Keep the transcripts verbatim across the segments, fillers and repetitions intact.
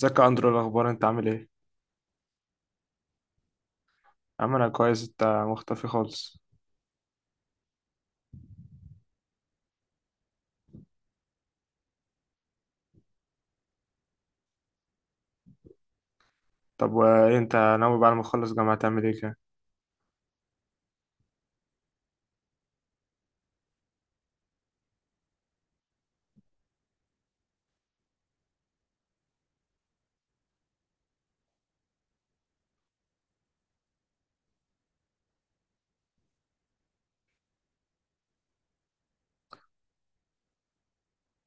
ازيك يا اندرو، إيه الاخبار؟ انت عامل ايه؟ عامل انا كويس. انت مختفي خالص. طب وايه انت ناوي بعد ما تخلص جامعه تعمل ايه كده؟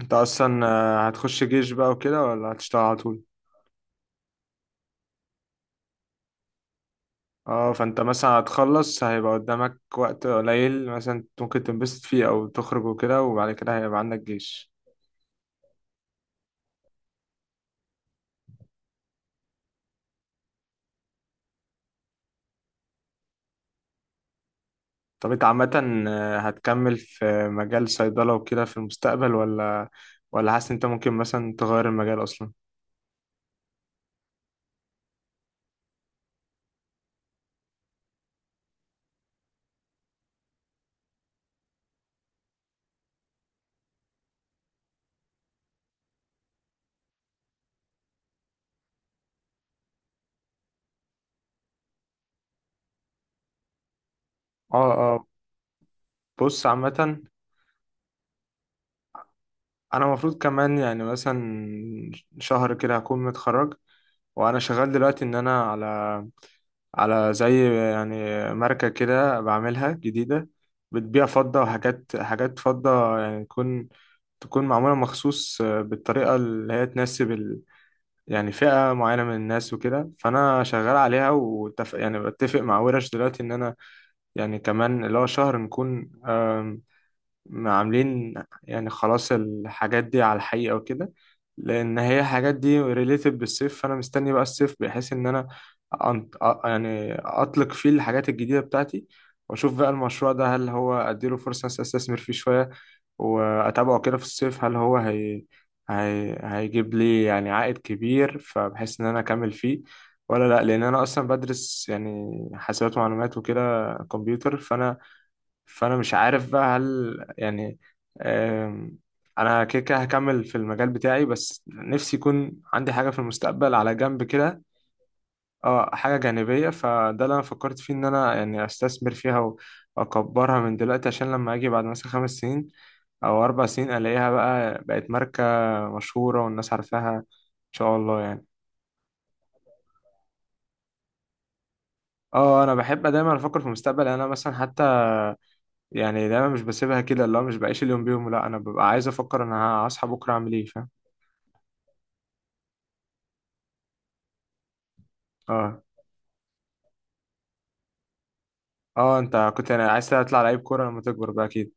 انت اصلا آه، هتخش جيش بقى وكده ولا هتشتغل على طول؟ اه، فانت مثلا هتخلص هيبقى قدامك وقت قليل مثلا ممكن تنبسط فيه او تخرج وكده، وبعد كده هيبقى عندك جيش. طب انت عامه آه، هتكمل في مجال صيدله وكده في المستقبل، ولا ولا حاسس انت ممكن مثلا تغير المجال اصلا؟ اه اه. بص عامه، انا المفروض كمان يعني مثلا شهر كده هكون متخرج، وانا شغال دلوقتي ان انا على على زي يعني ماركة كده بعملها جديدة، بتبيع فضة وحاجات حاجات فضة يعني تكون تكون معمولة مخصوص بالطريقة اللي هي تناسب ال... يعني فئة معينة من الناس وكده، فأنا شغال عليها وتف... يعني بتفق مع ورش دلوقتي إن أنا يعني كمان اللي هو شهر نكون عاملين يعني خلاص الحاجات دي على الحقيقة وكده، لأن هي الحاجات دي related بالصيف، فأنا مستني بقى الصيف بحيث إن أنا أنت... أ- يعني أطلق فيه الحاجات الجديدة بتاعتي، وأشوف بقى المشروع ده هل هو أديله فرصة مثلاً أستثمر فيه شوية وأتابعه كده في الصيف، هل هو هي... هي... هيجيب لي يعني عائد كبير فبحيث إن أنا أكمل فيه ولا لأ، لأن أنا أصلا بدرس يعني حاسبات ومعلومات وكده كمبيوتر. فأنا فانا مش عارف بقى هل يعني آم، انا كده كده هكمل في المجال بتاعي، بس نفسي يكون عندي حاجه في المستقبل على جنب كده. اه حاجه جانبيه، فده اللي انا فكرت فيه ان انا يعني استثمر فيها واكبرها من دلوقتي، عشان لما اجي بعد مثلا خمس سنين او اربع سنين الاقيها بقى بقت ماركه مشهوره والناس عارفاها، ان شاء الله يعني. اه انا بحب دايما افكر في المستقبل، يعني انا مثلا حتى يعني دايما مش بسيبها كده اللي هو مش بعيش اليوم بيوم، لا انا ببقى عايز افكر انا هصحى بكره اعمل ايه. اه اه، انت كنت يعني عايز تطلع لعيب كورة لما تكبر بقى اكيد؟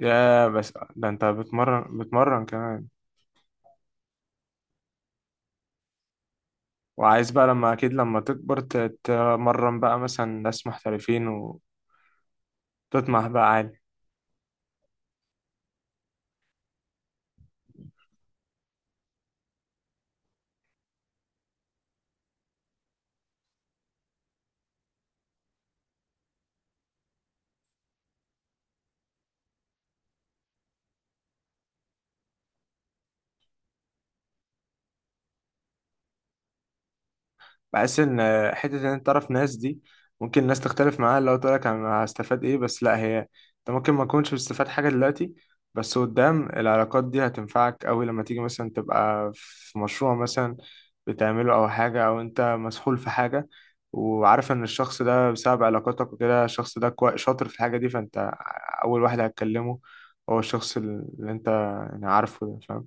يا بس ده انت بتمرن بتمرن كمان؟ وعايز بقى لما اكيد لما تكبر تتمرن بقى مثلا ناس محترفين وتطمح بقى عالي. بحس ان حته ان انت تعرف ناس دي ممكن الناس تختلف معاها لو تقول لك انا هستفاد ايه، بس لا هي انت ممكن ما تكونش بتستفاد حاجه دلوقتي، بس قدام العلاقات دي هتنفعك قوي لما تيجي مثلا تبقى في مشروع مثلا بتعمله او حاجه او انت مسحول في حاجه، وعارف ان الشخص ده بسبب علاقاتك وكده الشخص ده كوي- شاطر في الحاجه دي، فانت اول واحد هتكلمه هو الشخص اللي انت يعني عارفه ده، فاهم؟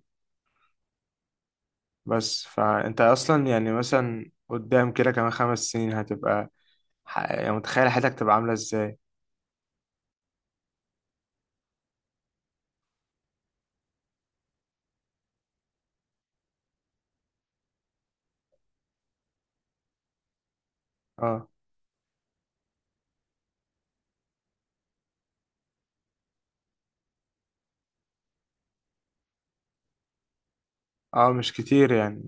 بس فانت اصلا يعني مثلا قدام كده كمان خمس سنين هتبقى ح- يعني متخيل حياتك تبقى عاملة ازاي؟ اه اه، مش كتير يعني.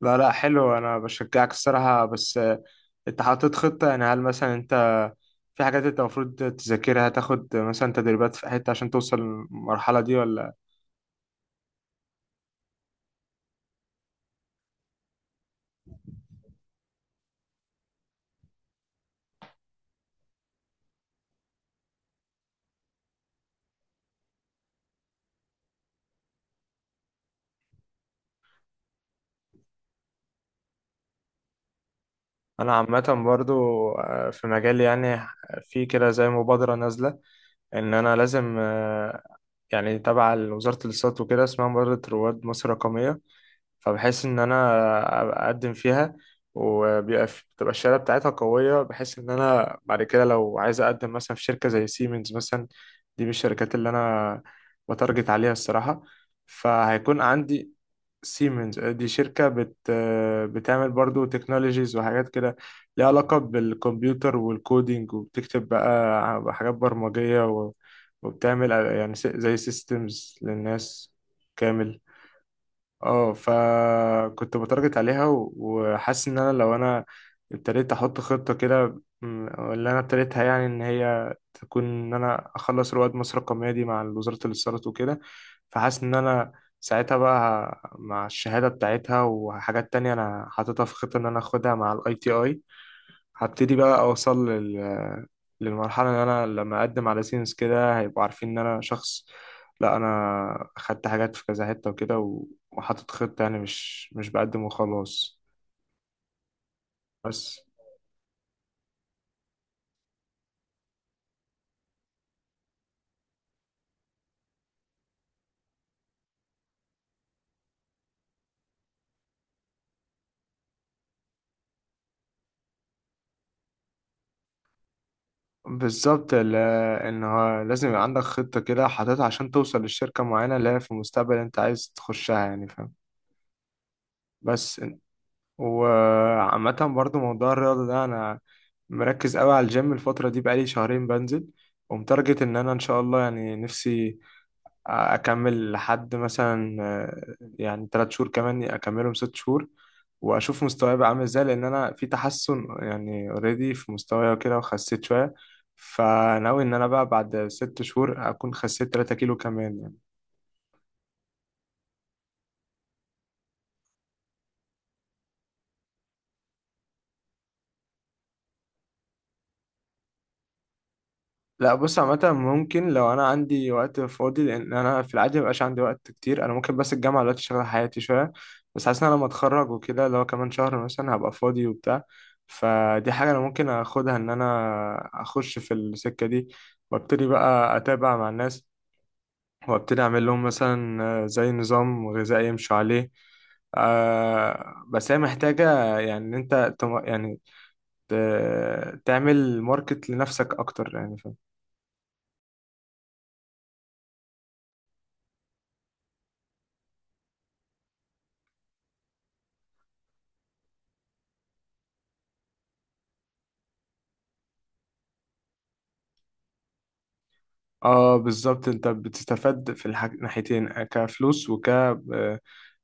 لا لا حلو، انا بشجعك الصراحة، بس آه، انت حاطط خطة؟ يعني هل مثلا انت في حاجات انت المفروض تذاكرها، تاخد مثلا تدريبات في حتة عشان توصل للمرحلة دي ولا؟ انا عامة برضو آه، في مجالي يعني، في كده زي مبادرة نازلة ان انا لازم آه، يعني تبع وزارة الاتصالات وكده، اسمها مبادرة رواد مصر الرقمية، فبحس ان انا أبقى اقدم فيها. وبيبقى في- بتبقى الشهاده بتاعتها قويه بحيث ان انا بعد كده لو عايز اقدم مثلا في شركه زي سيمنز مثلا، دي من الشركات اللي انا بتارجت عليها الصراحه، فهيكون عندي. سيمنز دي شركه بت بتعمل برضو تكنولوجيز وحاجات كده، ليها علاقه بالكمبيوتر والكودينج، وبتكتب بقى حاجات برمجيه و- وبتعمل يعني س- زي سيستمز للناس كامل. اه فكنت بتارجت عليها و- وحاسس ان انا لو انا ابتديت احط خطة كده م، اللي انا ابتديتها يعني ان هي تكون ان انا اخلص رواد مصر الرقمية دي مع وزارة الاتصالات وكده، فحاسس ان انا ساعتها بقى ه- مع الشهادة بتاعتها وحاجات تانية انا حاططها في خطة ان انا اخدها مع الآي تي آي، هبتدي بقى اوصل لل... للمرحله ان انا لما اقدم على سينس كده هيبقوا عارفين ان انا شخص، لا انا خدت حاجات في كذا حته وكده و... وحاطط خطه، يعني مش مش بقدم وخلاص بس. بالظبط ل- ان هو لازم يبقى عندك خطه كده حاططها عشان توصل لشركه معينه اللي هي في المستقبل انت عايز تخشها، يعني فاهم؟ بس إن- وعامه برضو، موضوع الرياضه ده انا مركز قوي على الجيم الفتره دي، بقالي شهرين بنزل، ومتارجت ان انا ان شاء الله يعني نفسي اكمل لحد مثلا آه، يعني ثلاث شهور كمان اكملهم ست شهور، واشوف مستواي بقى عامل ازاي لان انا في تحسن يعني اوريدي في مستواي وكده وخسيت شويه. فناوي ان انا بقى بعد ست شهور اكون خسيت 3 كيلو كمان يعني. لا بص عامة ممكن لو أنا عندي وقت فاضي، لأن أنا في العادي مبقاش عندي وقت كتير، أنا ممكن بس الجامعة دلوقتي شغالة حياتي شوية، بس حاسس إن أنا لما أتخرج وكده اللي هو كمان شهر مثلا هبقى فاضي وبتاع، فدي حاجة أنا ممكن أخدها إن أنا أخش في السكة دي، وأبتدي بقى أتابع مع الناس، وأبتدي أعمل لهم مثلا آه، زي نظام غذائي يمشوا عليه. آه بس هي محتاجة يعني إن أنت تم- يعني ت- تعمل ماركت لنفسك أكتر يعني. اه بالظبط، انت بتستفاد في الحاج... ناحيتين، كفلوس وك آه،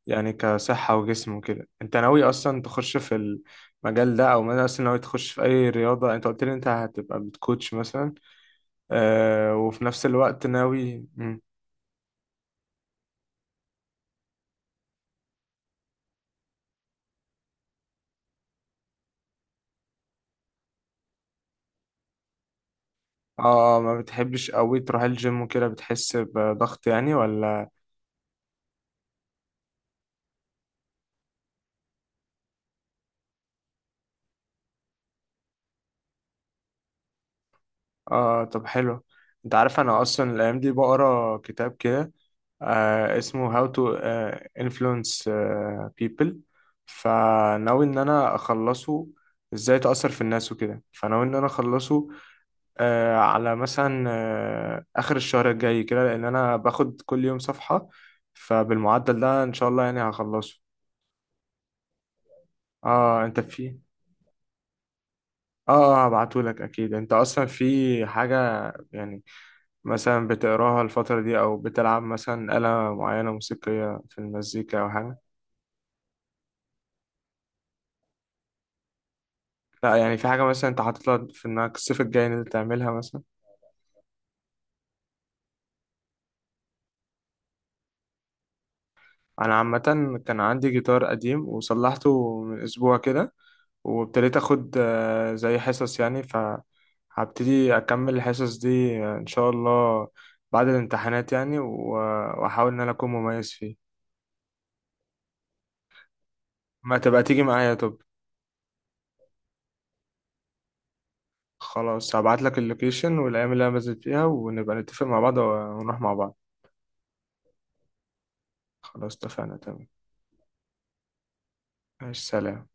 يعني كصحة وجسم وكده. انت ناوي اصلا تخش في المجال ده، او مثلا اصلا ناوي تخش في اي رياضة؟ انت قلت لي انت هتبقى بتكوتش مثلا آه، وفي نفس الوقت ناوي مم. اه آه، ما بتحبش قوي تروح الجيم وكده بتحس بضغط يعني ولا؟ اه طب حلو. انت عارف انا اصلا الايام دي بقرا كتاب كده، آه اسمه How to آه Influence آه People، فناوي إن أنا أخلصه، إزاي تأثر في الناس وكده، فناوي إن أنا أخلصه آه على مثلا آه آخر الشهر الجاي كده، لأن أنا باخد كل يوم صفحة، فبالمعدل ده إن شاء الله يعني هخلصه. آه أنت في آه آه هبعتهولك أكيد. أنت أصلا في حاجة يعني مثلا بتقراها الفترة دي، أو بتلعب مثلا آلة معينة موسيقية في المزيكا أو حاجة؟ لا يعني في حاجة مثلا انت حاطط لها في انك الصيف الجاي ان انت تعملها مثلا؟ انا عامة كان عندي جيتار قديم وصلحته من اسبوع كده، وابتديت اخد آه، زي حصص يعني، فهبتدي اكمل الحصص دي آه، ان شاء الله بعد الامتحانات يعني و- واحاول ان انا اكون مميز فيه. ما تبقى تيجي معايا طب؟ خلاص، هبعت لك اللوكيشن والايام اللي انا بنزل فيها، ونبقى نتفق مع بعض ونروح مع بعض. خلاص اتفقنا تمام. ماشي سلام.